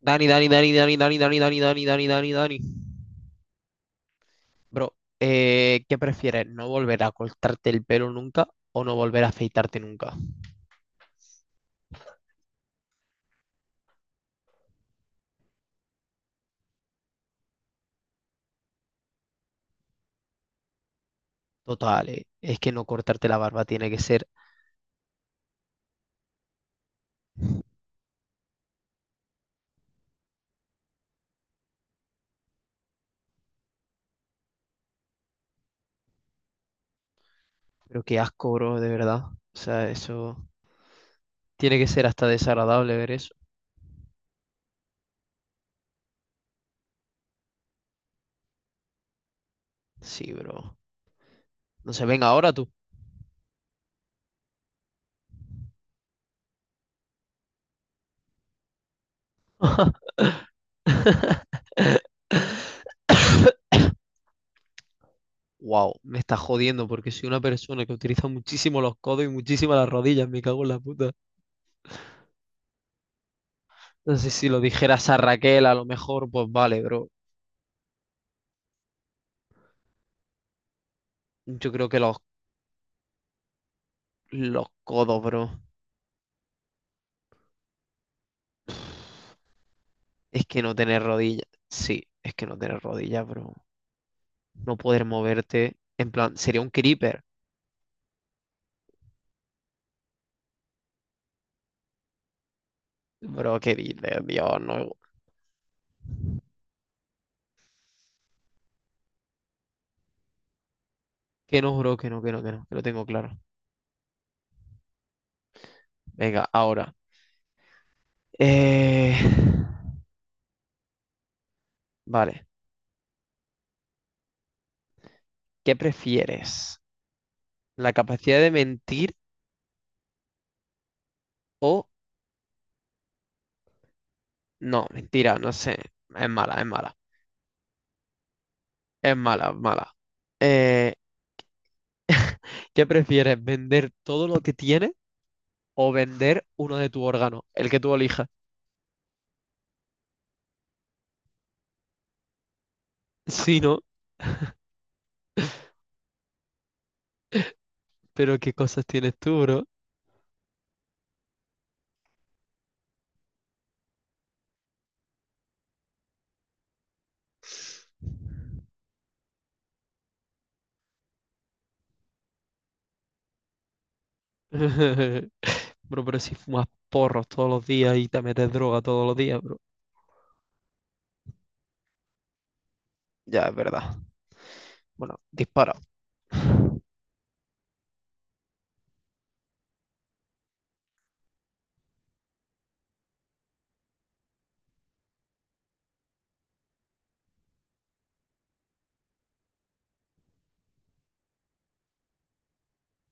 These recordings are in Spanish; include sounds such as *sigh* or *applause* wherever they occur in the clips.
Dani, Dani, Dani, Dani, Dani, Dani, Dani, Dani, Dani, Dani, Dani. Bro, ¿qué prefieres? ¿No volver a cortarte el pelo nunca o no volver a afeitarte nunca? Total, es que no cortarte la barba tiene que ser, pero qué asco, bro, de verdad. O sea, eso tiene que ser hasta desagradable ver eso. Sí, bro. No se venga ahora tú. *laughs* Wow, me está jodiendo porque soy una persona que utiliza muchísimo los codos y muchísimo las rodillas, me cago en la puta. Entonces, si lo dijeras a Raquel, a lo mejor, pues vale, bro. Yo creo que los codos, bro. Es que no tener rodillas. Sí, es que no tener rodillas, bro. No poder moverte. En plan, sería un creeper. Bro, qué dices, Dios, no. Que no, bro, que no, que no, que no. Que lo tengo claro. Venga, ahora. Eh, Vale. ¿Qué prefieres? ¿La capacidad de mentir o... No, mentira, no sé. Es mala, es mala. Es mala, es mala. Eh, ¿Qué prefieres? ¿Vender todo lo que tienes o vender uno de tu órgano? El que tú elijas. *laughs* Sí, ¿no? Pero qué cosas tienes tú, bro. *laughs* Bro, pero si fumas porros todos los días y te metes droga todos los días, bro. Ya, es verdad. Bueno, dispara.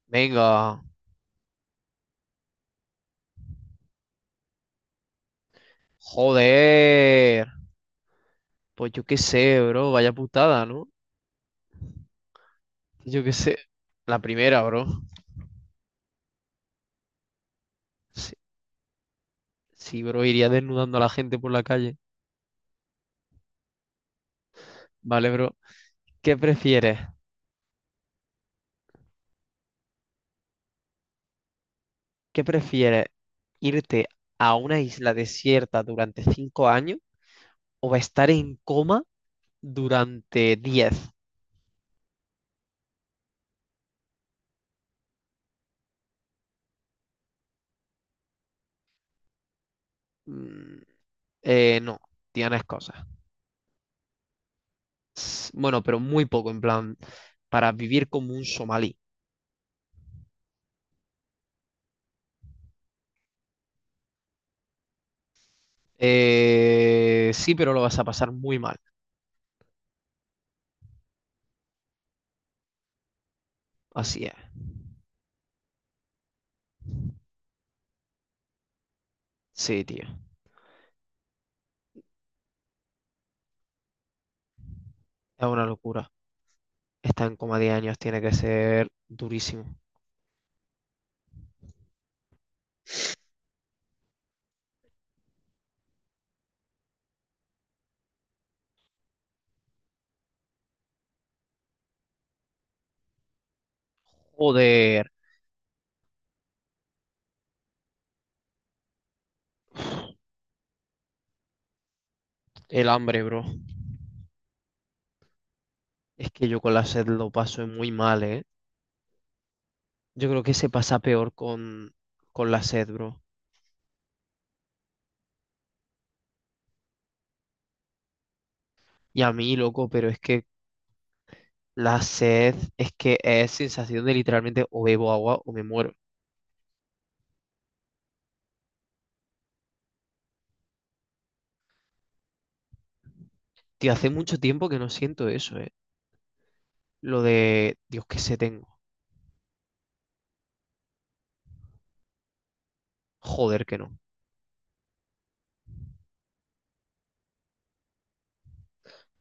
Venga, joder. Pues yo qué sé, bro. Vaya putada, ¿no? Yo qué sé. La primera, bro. Sí, sí, bro, iría desnudando a la gente por la calle. Vale, bro. ¿Qué prefieres? ¿Qué prefieres? ¿Irte a una isla desierta durante 5 años o estar en coma durante 10? Mm, no, tienes cosas. Bueno, pero muy poco, en plan, para vivir como un somalí. Sí, pero lo vas a pasar muy mal. Así es. Sí, tío. Es una locura. Estar en coma 10 años tiene que ser durísimo. Joder, el hambre, bro. Es que yo con la sed lo paso muy mal, ¿eh? Yo creo que se pasa peor con, la sed, bro. Y a mí, loco, pero es que la sed es que es sensación de literalmente o bebo agua o me muero. Tío, hace mucho tiempo que no siento eso, eh. Lo de, Dios, que se tengo. Joder, que no.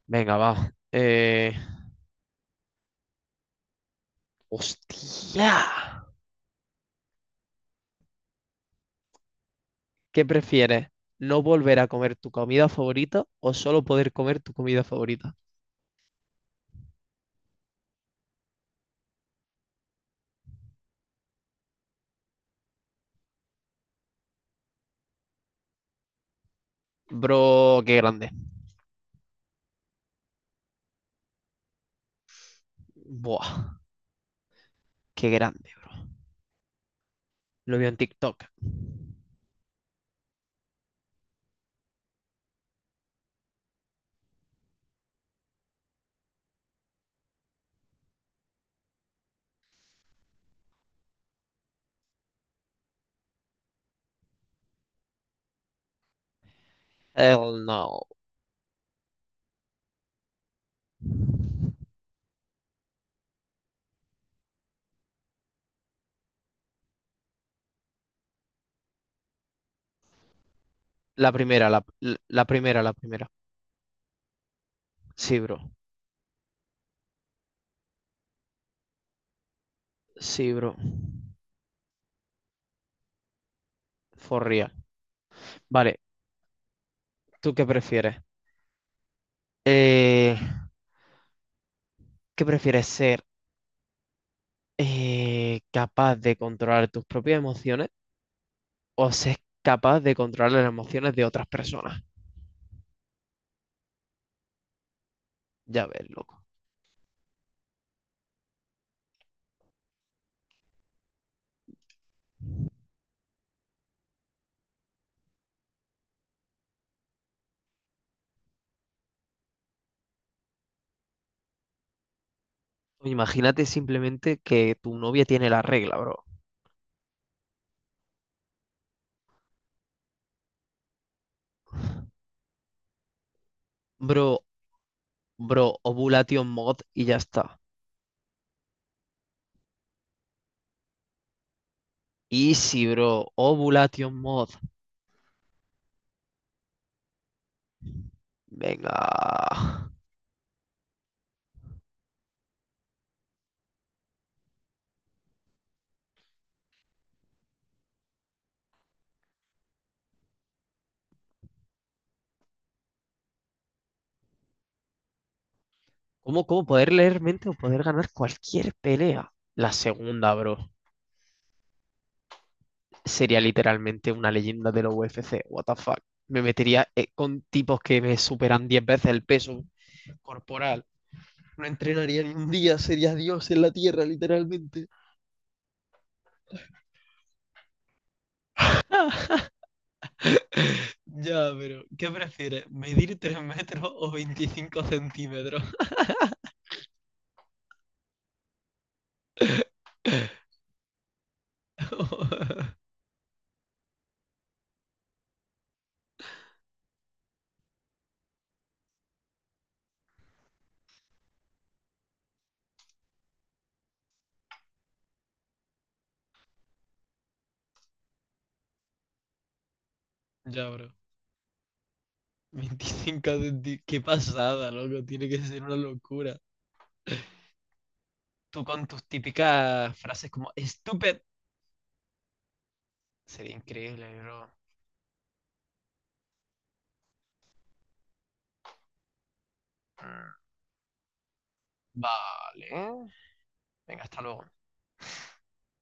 Venga, va. ¡Hostia! ¿Qué prefieres? ¿No volver a comer tu comida favorita o solo poder comer tu comida favorita? Bro, qué grande. Buah, qué grande, bro. Lo vi en TikTok. Hell no. La primera, la primera, la primera. Sí, bro. Sí, bro. For real. Vale, ¿tú qué prefieres? Eh, ¿Qué prefieres ser capaz de controlar tus propias emociones o ser capaz de controlar las emociones de otras personas? Ya ves, loco. Imagínate simplemente que tu novia tiene la regla, bro. Bro, ovulation mod y ya está. Easy, bro. Ovulation mod. Venga. ¿Cómo poder leer mente o poder ganar cualquier pelea? La segunda, bro, sería literalmente una leyenda de la UFC. What the fuck. Me metería con tipos que me superan 10 veces el peso corporal. No entrenaría ni un día, sería Dios en la tierra, literalmente. *laughs* Ya, pero ¿qué prefieres? ¿Medir 3 metros o 25 centímetros? *laughs* Ya, bro. 25 centímetros. Qué pasada, loco. Tiene que ser una locura. Tú con tus típicas frases como stupid, sería increíble, bro. Mm, vale. Venga, hasta luego.